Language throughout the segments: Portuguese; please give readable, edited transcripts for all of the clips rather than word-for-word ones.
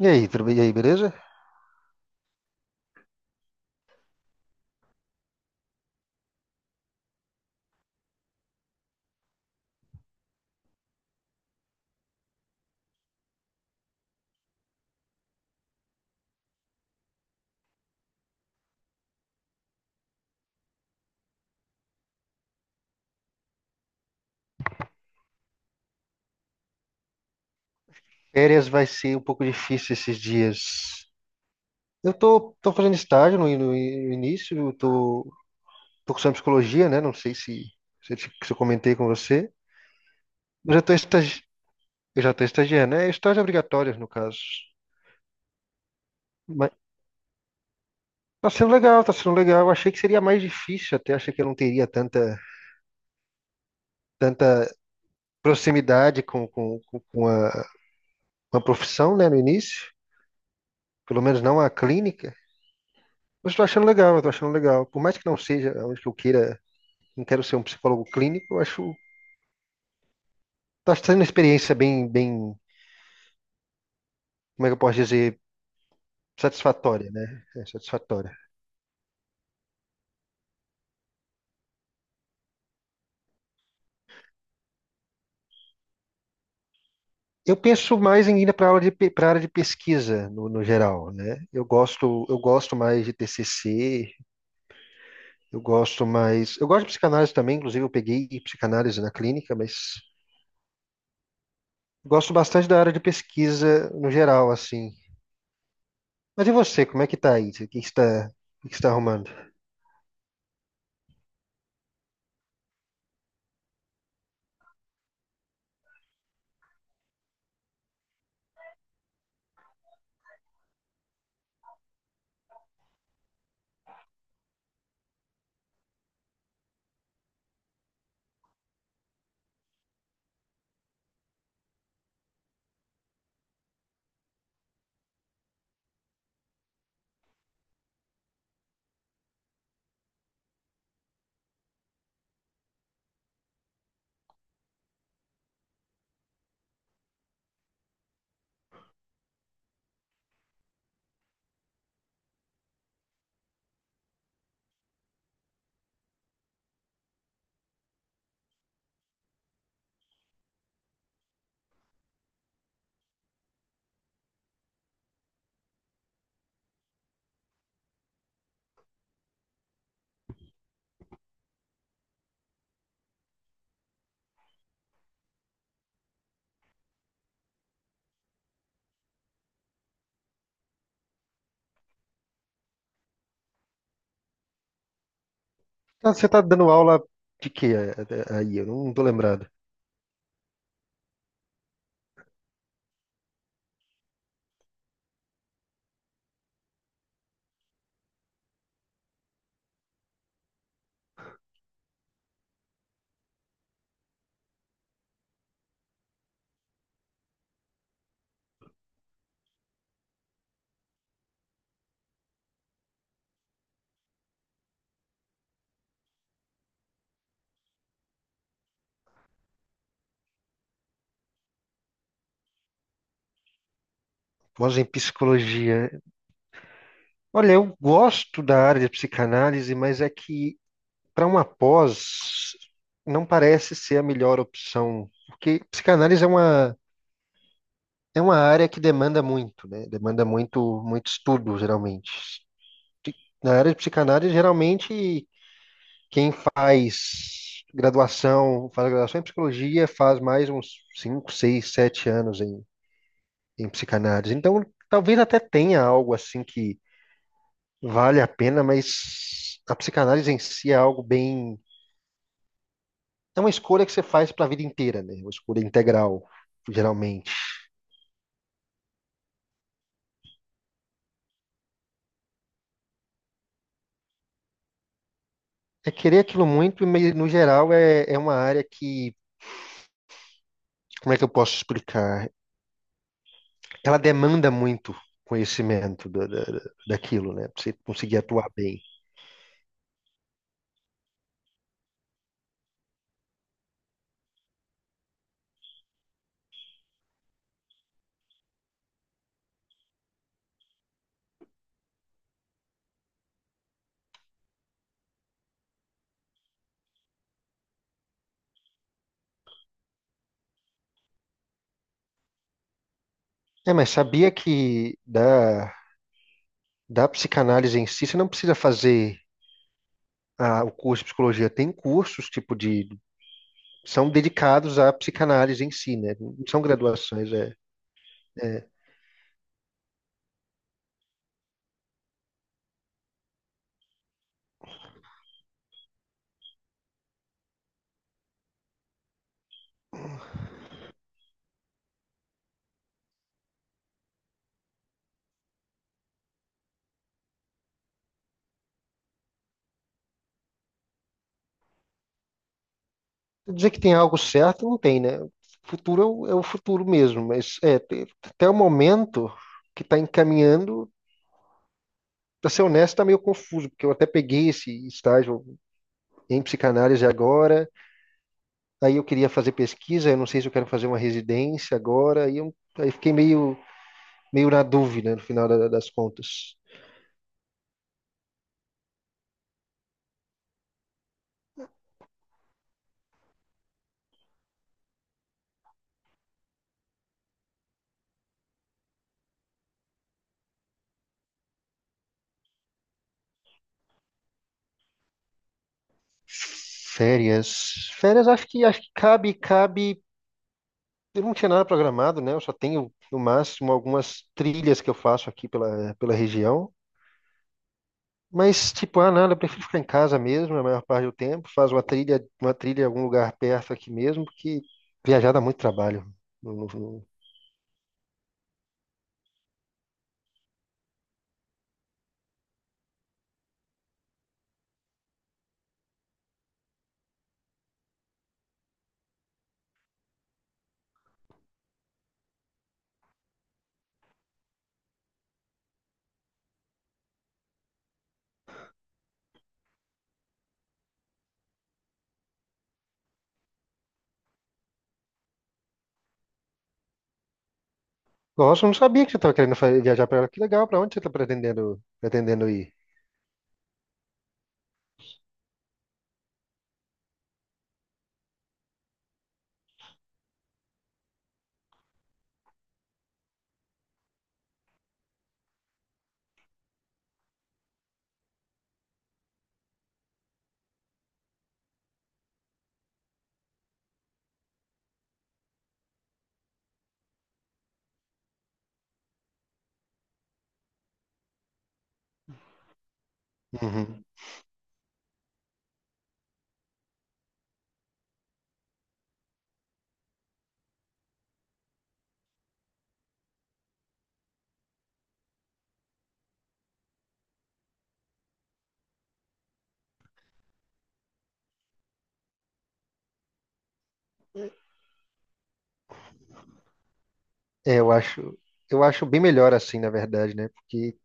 E aí, tudo bem? E aí, beleza? Férias vai ser um pouco difícil esses dias. Eu tô fazendo estágio no início, eu tô cursando psicologia, né? Não sei se, se, eu se eu comentei com você, mas eu já tô estagiando, né? Estágio obrigatório, no caso. Mas tá sendo legal, tá sendo legal. Eu achei que seria mais difícil até, achei que eu não teria tanta proximidade com a profissão, né, no início, pelo menos não a clínica. Mas eu tô achando legal, eu tô achando legal. Por mais que não seja onde que eu queira, não quero ser um psicólogo clínico, eu acho está sendo uma experiência como é que eu posso dizer, satisfatória, né? É, satisfatória. Eu penso mais em ir para área de pesquisa no geral, né? Eu gosto mais de TCC, eu gosto mais, eu gosto de psicanálise também, inclusive eu peguei psicanálise na clínica, mas gosto bastante da área de pesquisa no geral, assim. Mas e você, como é que tá aí? O que está arrumando? Você está dando aula de quê aí? Eu não tô lembrado. Pós em psicologia. Olha, eu gosto da área de psicanálise, mas é que para uma pós não parece ser a melhor opção, porque psicanálise é uma área que demanda muito, né? Demanda muito estudo, geralmente. Na área de psicanálise, geralmente quem faz graduação em psicologia, faz mais uns 5 6 7 anos em psicanálise. Então, talvez até tenha algo assim que vale a pena, mas a psicanálise em si é algo bem. É uma escolha que você faz para a vida inteira, né? Uma escolha integral, geralmente. É querer aquilo muito, mas no geral é uma área que, como é que eu posso explicar? Ela demanda muito conhecimento daquilo, né? Pra você conseguir atuar bem. É, mas sabia que da psicanálise em si, você não precisa fazer o curso de psicologia. Tem cursos, são dedicados à psicanálise em si, né? Não são graduações, é. É, dizer que tem algo certo, não tem, né? O futuro é o futuro mesmo, mas até o momento que está encaminhando, para ser honesto, está meio confuso, porque eu até peguei esse estágio em psicanálise agora, aí eu queria fazer pesquisa, eu não sei se eu quero fazer uma residência agora, aí fiquei meio, meio na dúvida no final das contas. Férias. Férias acho que cabe. Eu não tinha nada programado, né? Eu só tenho, no máximo, algumas trilhas que eu faço aqui pela região. Mas, tipo, ah, nada, eu prefiro ficar em casa mesmo, a maior parte do tempo. Faz uma trilha em algum lugar perto aqui mesmo, porque viajar dá muito trabalho. Não- não- não- Nossa, eu não sabia que você estava querendo viajar para lá. Que legal, para onde você está pretendendo ir? Uhum. É, eu acho bem melhor assim, na verdade, né? Porque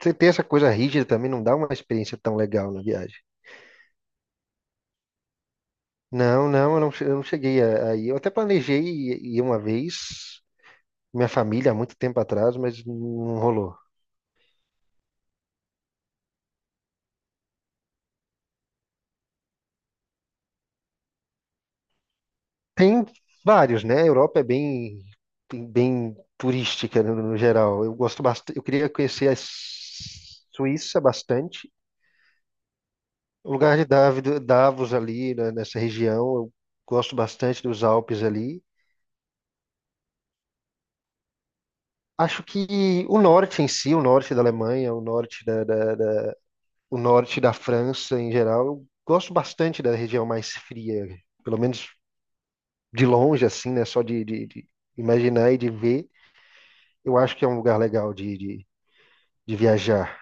você ter essa coisa rígida também não dá uma experiência tão legal na viagem. Não, não, eu não, eu não cheguei aí. Eu até planejei ir uma vez, minha família, há muito tempo atrás, mas não rolou. Tem vários, né? A Europa é bem turística no geral. Eu gosto bastante, eu queria conhecer a Suíça bastante. O lugar de Davos ali, né, nessa região, eu gosto bastante dos Alpes ali. Acho que o norte em si, o norte da Alemanha, o norte da França em geral. Eu gosto bastante da região mais fria, pelo menos de longe, assim, né? Só de imaginar e de ver. Eu acho que é um lugar legal de viajar.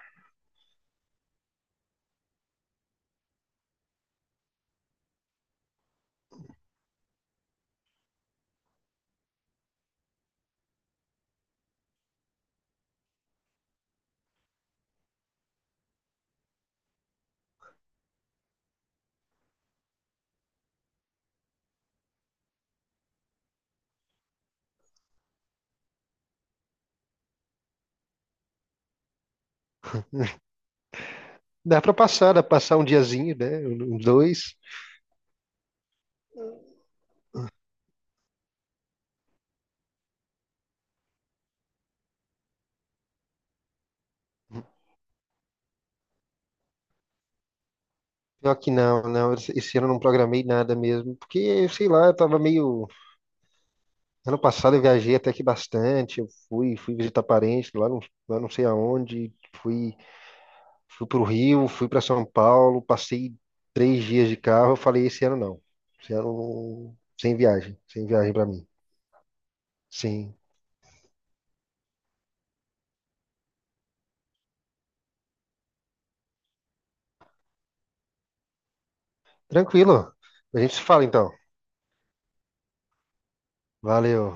Dá para passar, dá pra passar um diazinho, né? Um, dois. Pior que não, não. Esse ano eu não programei nada mesmo, porque, sei lá, eu tava meio. Ano passado eu viajei até que bastante. Fui visitar parentes lá não sei aonde. Fui para o Rio, fui para São Paulo, passei 3 dias de carro. Eu falei, esse ano não. Esse ano sem viagem, sem viagem para mim. Sim, tranquilo. A gente se fala então. Valeu.